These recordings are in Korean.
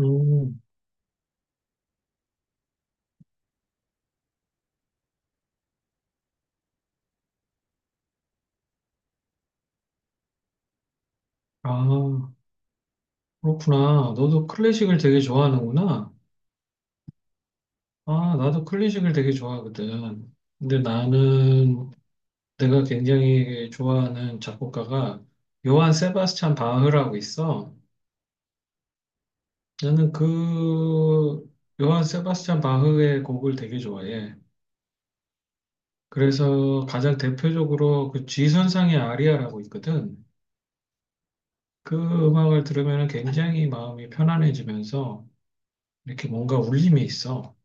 음, 아, 그렇구나. 너도 클래식을 되게 좋아하는구나. 아, 나도 클래식을 되게 좋아하거든. 근데 나는 내가 굉장히 좋아하는 작곡가가 요한 세바스찬 바흐라고 있어. 나는 그 요한 세바스찬 바흐의 곡을 되게 좋아해. 그래서 가장 대표적으로 그 G선상의 아리아라고 있거든. 그 음악을 들으면 굉장히 마음이 편안해지면서 이렇게 뭔가 울림이 있어.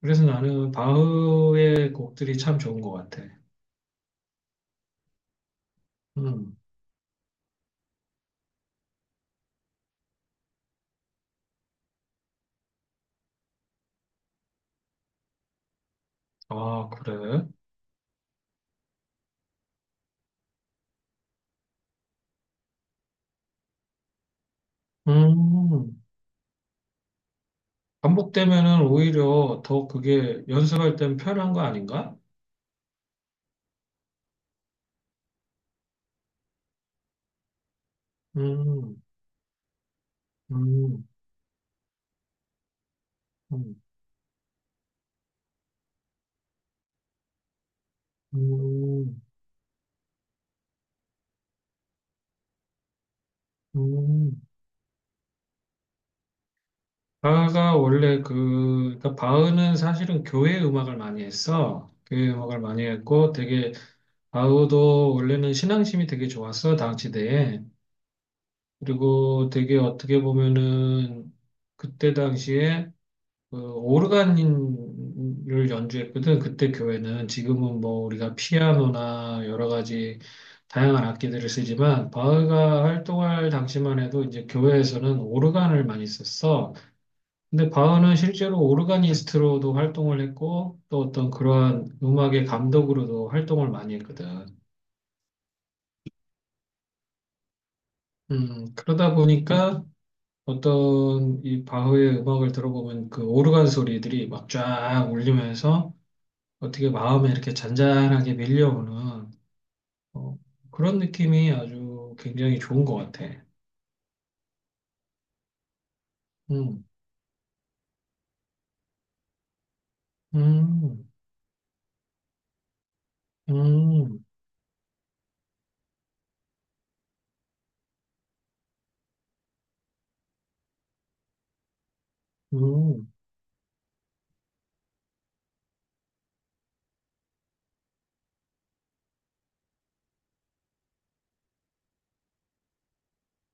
그래서 나는 바흐의 곡들이 참 좋은 것 같아. 음. 아, 그래? 음. 반복되면은 오히려 더 그게 연습할 땐 편한 거 아닌가? 음. 음. 음. 음. 음. 바흐가 원래 그러니까 바흐는 사실은 교회 음악을 많이 했어. 교회 음악을 많이 했고 되게, 바흐도 원래는 신앙심이 되게 좋았어, 당시대에. 그리고 되게 어떻게 보면은 그때 당시에 그 오르간을 연주했거든. 그때 교회는 지금은 뭐 우리가 피아노나 여러 가지 다양한 악기들을 쓰지만 바흐가 활동할 당시만 해도 이제 교회에서는 오르간을 많이 썼어. 근데 바흐는 실제로 오르가니스트로도 활동을 했고 또 어떤 그러한 음악의 감독으로도 활동을 많이 했거든. 그러다 보니까 어떤 이 바흐의 음악을 들어보면 그 오르간 소리들이 막 쫙 울리면서 어떻게 마음에 이렇게 잔잔하게 밀려오는 어, 그런 느낌이 아주 굉장히 좋은 것 같아. 음, 음, 음, 음,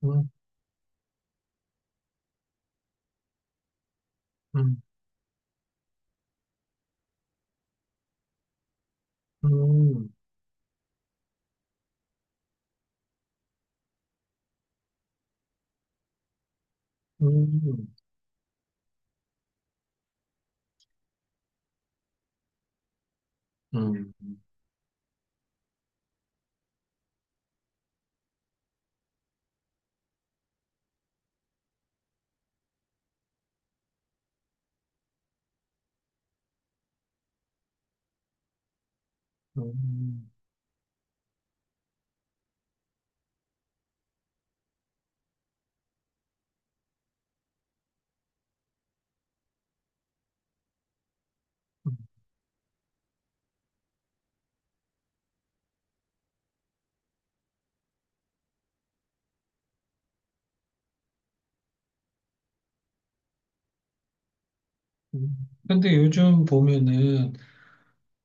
음, 음, 음, 음, 음, 근데 요즘 보면은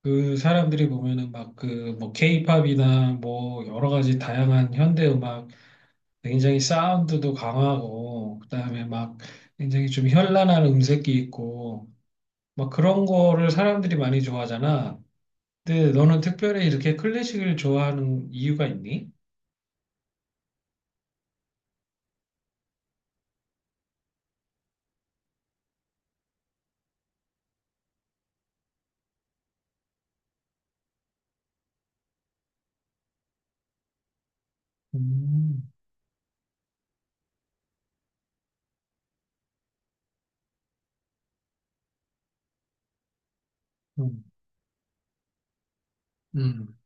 그 사람들이 보면은 막 그 뭐 케이팝이나 뭐 여러 가지 다양한 현대 음악 굉장히 사운드도 강하고 그다음에 막 굉장히 좀 현란한 음색이 있고 막 그런 거를 사람들이 많이 좋아하잖아. 근데 너는 특별히 이렇게 클래식을 좋아하는 이유가 있니? 음, 음, 음,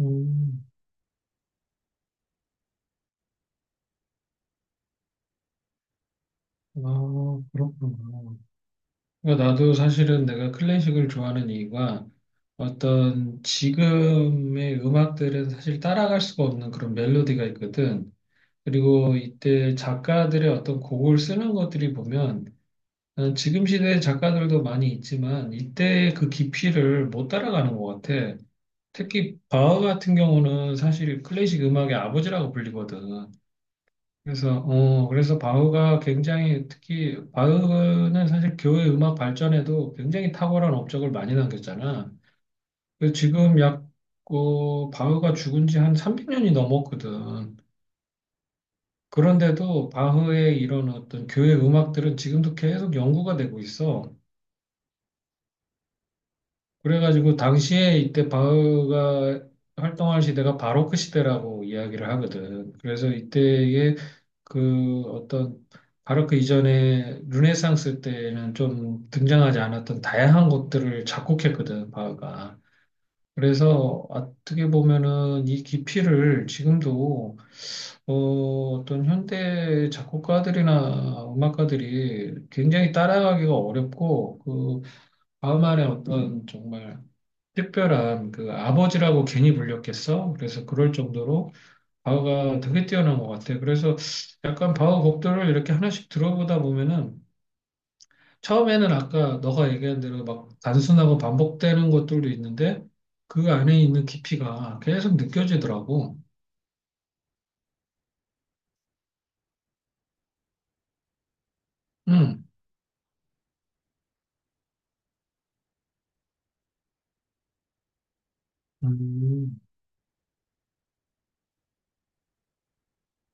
음. 아, 그렇구나. 그러니까 나도 사실은 내가 클래식을 좋아하는 이유가 어떤 지금의 음악들은 사실 따라갈 수가 없는 그런 멜로디가 있거든. 그리고 이때 작가들의 어떤 곡을 쓰는 것들이 보면 나는 지금 시대의 작가들도 많이 있지만 이때의 그 깊이를 못 따라가는 것 같아. 특히 바흐 같은 경우는 사실 클래식 음악의 아버지라고 불리거든. 그래서 바흐가 굉장히, 특히 바흐는 사실 교회 음악 발전에도 굉장히 탁월한 업적을 많이 남겼잖아. 그래서 지금 약 바흐가 죽은 지 한 300년이 넘었거든. 그런데도 바흐의 이런 어떤 교회 음악들은 지금도 계속 연구가 되고 있어. 그래가지고 당시에 이때 바흐가 활동할 시대가 바로크 시대라고 이야기를 하거든. 그래서 이때의 그 어떤 바로크 이전에 르네상스 때는 좀 등장하지 않았던 다양한 것들을 작곡했거든, 바흐가. 그래서 어떻게 보면은 이 깊이를 지금도 어, 어떤 현대 작곡가들이나 음악가들이 굉장히 따라가기가 어렵고, 그 바흐만의 어떤 정말 특별한, 그 아버지라고 괜히 불렸겠어? 그래서 그럴 정도로 바흐가 되게 뛰어난 것 같아. 그래서 약간 바흐 곡들을 이렇게 하나씩 들어보다 보면은 처음에는 아까 너가 얘기한 대로 막 단순하고 반복되는 것들도 있는데 그 안에 있는 깊이가 계속 느껴지더라고. 음, 음,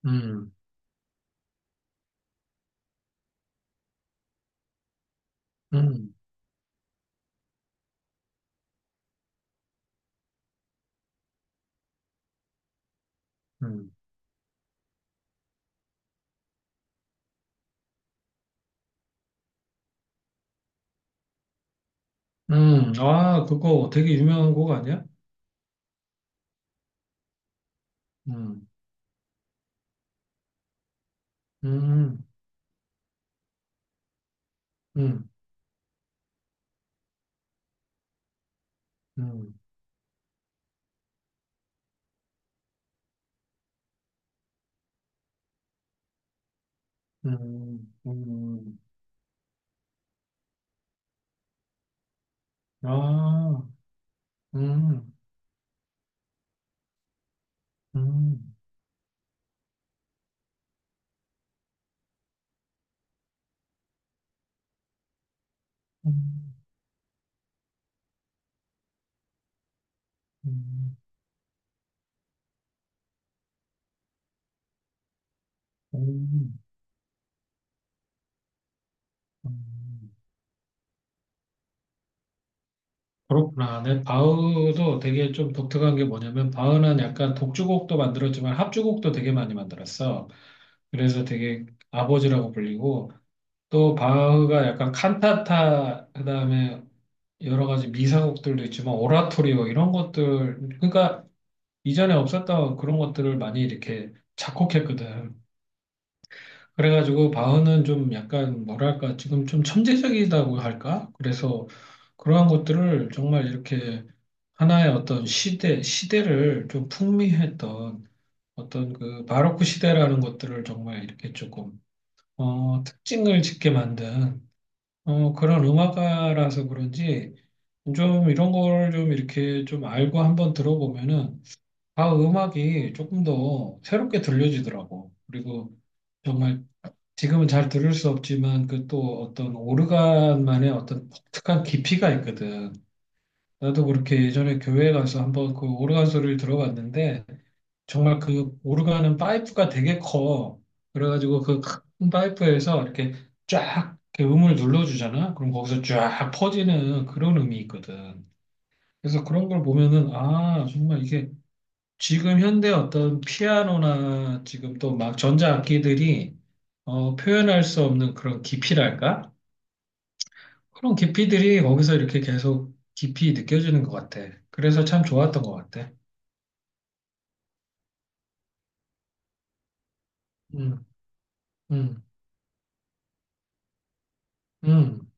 음, 음, 음, 아, 그거 되게 유명한 곡 아니야? 음, 음, 음, 음, 음, 음. 아, 음, 음, 음, 음, 음. 음, 그렇구나. 네, 바흐도 되게 좀 독특한 게 뭐냐면 바흐는 약간 독주곡도 만들었지만 합주곡도 되게 많이 만들었어. 그래서 되게 아버지라고 불리고 또 바흐가 약간 칸타타, 그다음에 여러 가지 미사곡들도 있지만 오라토리오, 이런 것들, 그러니까 이전에 없었던 그런 것들을 많이 이렇게 작곡했거든. 그래가지고 바흐는 좀 약간 뭐랄까, 지금 좀 천재적이다고 할까? 그래서 그러한 것들을 정말 이렇게 하나의 어떤 시대, 시대를 좀 풍미했던 어떤 그 바로크 시대라는 것들을 정말 이렇게 조금 특징을 짓게 만든 그런 음악가라서 그런지 좀 이런 거를 좀 이렇게 좀 알고 한번 들어보면은, 아 음악이 조금 더 새롭게 들려지더라고. 그리고 정말 지금은 잘 들을 수 없지만 그 또 어떤 오르간만의 어떤 독특한 깊이가 있거든. 나도 그렇게 예전에 교회 가서 한번 그 오르간 소리를 들어봤는데 정말 그 오르간은 파이프가 되게 커. 그래가지고 그 큰 파이프에서 이렇게 쫙 이렇게 음을 눌러주잖아. 그럼 거기서 쫙 퍼지는 그런 음이 있거든. 그래서 그런 걸 보면은 아 정말 이게 지금 현대 어떤 피아노나 지금 또 막 전자악기들이 표현할 수 없는 그런 깊이랄까? 그런 깊이들이 거기서 이렇게 계속 깊이 느껴지는 것 같아. 그래서 참 좋았던 것 같아. 음, 음, 음,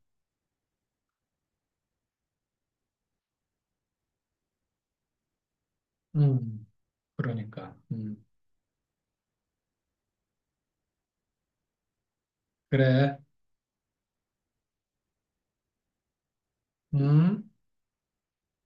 음. 그러니까. 음. 그래. 음.